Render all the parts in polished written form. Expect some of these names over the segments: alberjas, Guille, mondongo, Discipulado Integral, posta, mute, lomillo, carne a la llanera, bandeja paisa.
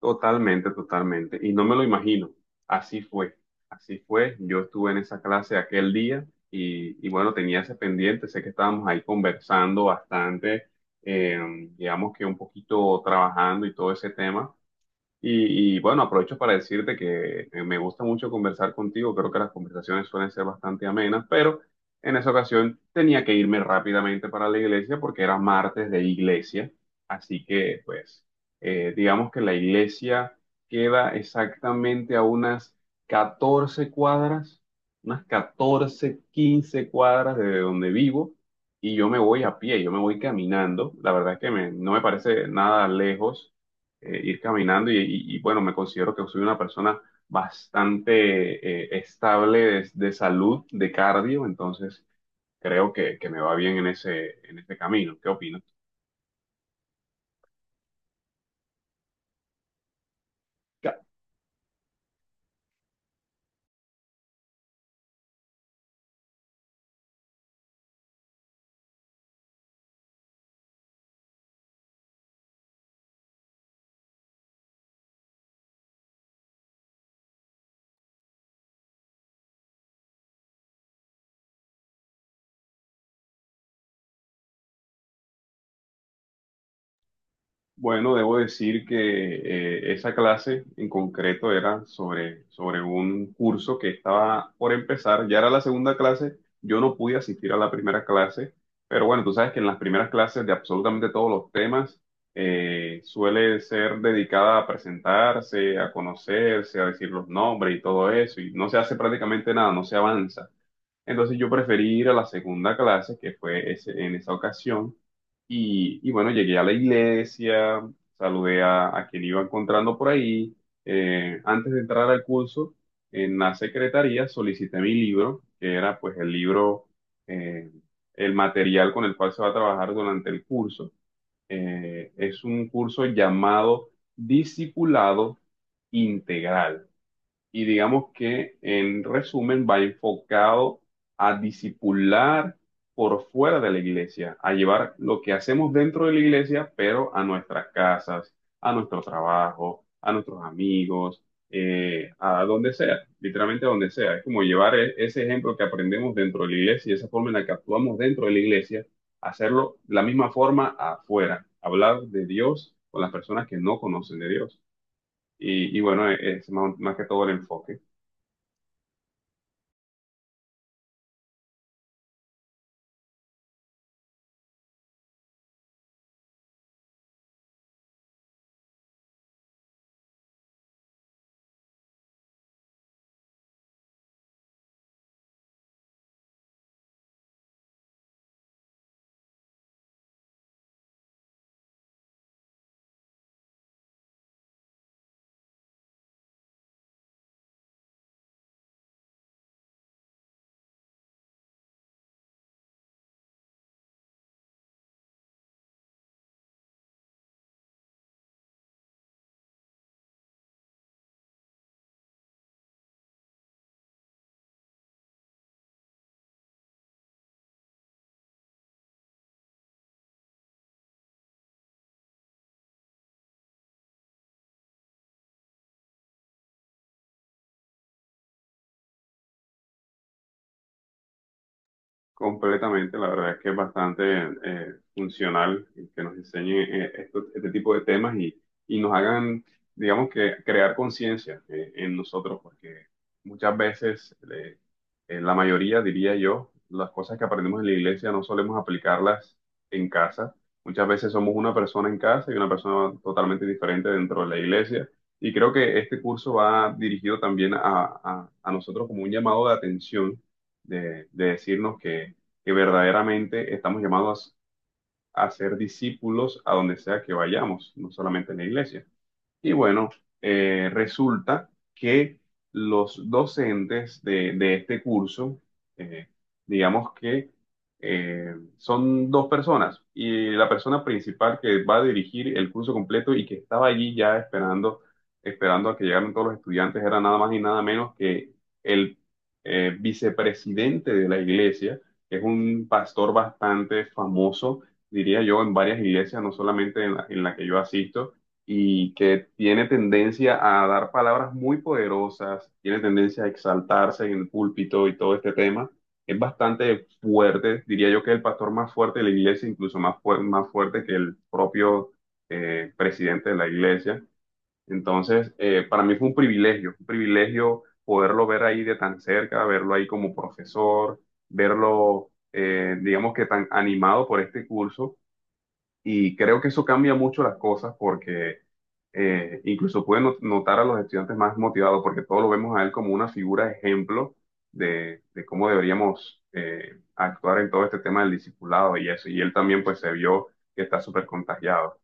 Totalmente, totalmente. Y no me lo imagino. Así fue. Así fue. Yo estuve en esa clase aquel día y bueno, tenía ese pendiente. Sé que estábamos ahí conversando bastante, eh, digamos que un poquito trabajando y todo ese tema. Bueno, aprovecho para decirte que me gusta mucho conversar contigo, creo que las conversaciones suelen ser bastante amenas, pero en esa ocasión tenía que irme rápidamente para la iglesia porque era martes de iglesia, así que pues digamos que la iglesia queda exactamente a unas 14 cuadras, unas 14 15 cuadras de donde vivo y yo me voy a pie, yo me voy caminando, la verdad es que no me parece nada lejos ir caminando y, bueno, me considero que soy una persona bastante estable de salud, de cardio, entonces creo que me va bien en ese camino. ¿Qué opinas? Bueno, debo decir que esa clase en concreto era sobre, sobre un curso que estaba por empezar, ya era la segunda clase, yo no pude asistir a la primera clase, pero bueno, tú sabes que en las primeras clases de absolutamente todos los temas suele ser dedicada a presentarse, a conocerse, a decir los nombres y todo eso, y no se hace prácticamente nada, no se avanza. Entonces yo preferí ir a la segunda clase, que fue en esa ocasión, y bueno, llegué a la iglesia, saludé a quien iba encontrando por ahí. Antes de entrar al curso, en la secretaría solicité mi libro, que era pues el libro, eh, el material con el cual se va a trabajar durante el curso. Es un curso llamado Discipulado Integral y digamos que en resumen va enfocado a discipular por fuera de la iglesia, a llevar lo que hacemos dentro de la iglesia, pero a nuestras casas, a nuestro trabajo, a nuestros amigos, a donde sea, literalmente a donde sea. Es como llevar ese ejemplo que aprendemos dentro de la iglesia y esa forma en la que actuamos dentro de la iglesia, hacerlo de la misma forma afuera, hablar de Dios con las personas que no conocen de Dios. Y bueno, es más, más que todo el enfoque. Completamente, la verdad es que es bastante funcional que nos enseñen este tipo de temas y nos hagan, digamos que, crear conciencia en nosotros, porque muchas veces, en la mayoría, diría yo, las cosas que aprendemos en la iglesia no solemos aplicarlas en casa. Muchas veces somos una persona en casa y una persona totalmente diferente dentro de la iglesia. Y creo que este curso va dirigido también a, a nosotros como un llamado de atención de decirnos que verdaderamente estamos llamados a ser discípulos a donde sea que vayamos, no solamente en la iglesia. Y bueno, resulta que los docentes de este curso, eh, digamos que son dos personas y la persona principal que va a dirigir el curso completo y que estaba allí ya esperando, esperando a que llegaran todos los estudiantes era nada más y nada menos que el vicepresidente de la iglesia, que es un pastor bastante famoso, diría yo, en varias iglesias, no solamente en la que yo asisto y que tiene tendencia a dar palabras muy poderosas, tiene tendencia a exaltarse en el púlpito y todo este tema. Es bastante fuerte, diría yo que es el pastor más fuerte de la iglesia, incluso más, más fuerte que el propio presidente de la iglesia. Entonces, para mí fue un privilegio poderlo ver ahí de tan cerca, verlo ahí como profesor, verlo, digamos que tan animado por este curso y creo que eso cambia mucho las cosas porque incluso puede notar a los estudiantes más motivados porque todos lo vemos a él como una figura ejemplo de cómo deberíamos actuar en todo este tema del discipulado y eso. Y él también pues se vio que está súper contagiado.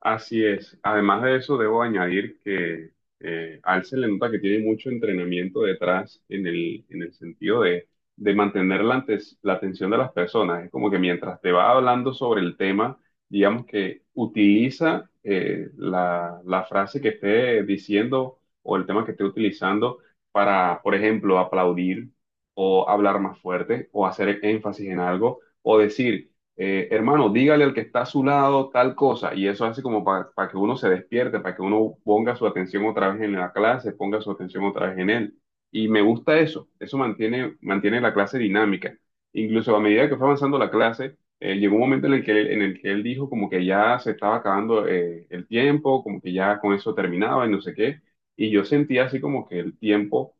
Así es. Además de eso, debo añadir que a él se le nota que tiene mucho entrenamiento detrás en el sentido de mantener la, la atención de las personas. Es como que mientras te va hablando sobre el tema, digamos que utiliza la, la frase que esté diciendo o el tema que esté utilizando para, por ejemplo, aplaudir o hablar más fuerte o hacer énfasis en algo o decir hermano, dígale al que está a su lado tal cosa, y eso hace como para que uno se despierte, para que uno ponga su atención otra vez en la clase, ponga su atención otra vez en él. Y me gusta eso, eso mantiene, mantiene la clase dinámica. Incluso a medida que fue avanzando la clase, llegó un momento en el que él, en el que él dijo como que ya se estaba acabando el tiempo, como que ya con eso terminaba y no sé qué, y yo sentía así como que el tiempo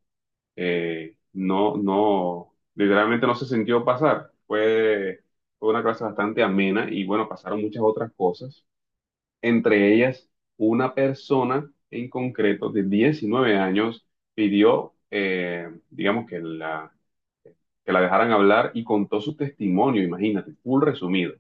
no, literalmente no se sintió pasar. Fue, fue una clase bastante amena y bueno, pasaron muchas otras cosas. Entre ellas, una persona en concreto de 19 años pidió, digamos, que la dejaran hablar y contó su testimonio, imagínate, full resumido.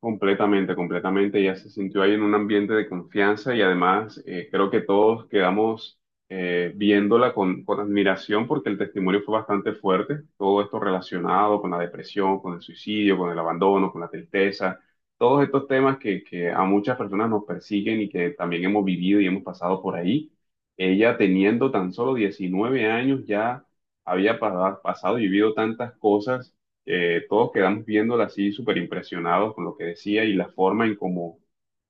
Completamente, completamente. Ella se sintió ahí en un ambiente de confianza y además creo que todos quedamos viéndola con admiración porque el testimonio fue bastante fuerte. Todo esto relacionado con la depresión, con el suicidio, con el abandono, con la tristeza, todos estos temas que a muchas personas nos persiguen y que también hemos vivido y hemos pasado por ahí. Ella teniendo tan solo 19 años ya había pasado y vivido tantas cosas todos quedamos viéndola así súper impresionados con lo que decía y la forma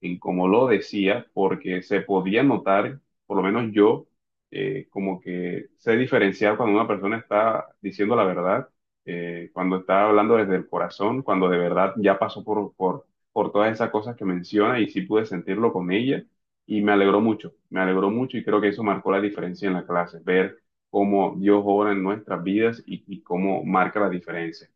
en cómo lo decía, porque se podía notar, por lo menos yo, como que sé diferenciar cuando una persona está diciendo la verdad, cuando está hablando desde el corazón, cuando de verdad ya pasó por todas esas cosas que menciona y sí pude sentirlo con ella. Y me alegró mucho y creo que eso marcó la diferencia en la clase, ver cómo Dios obra en nuestras vidas y cómo marca la diferencia.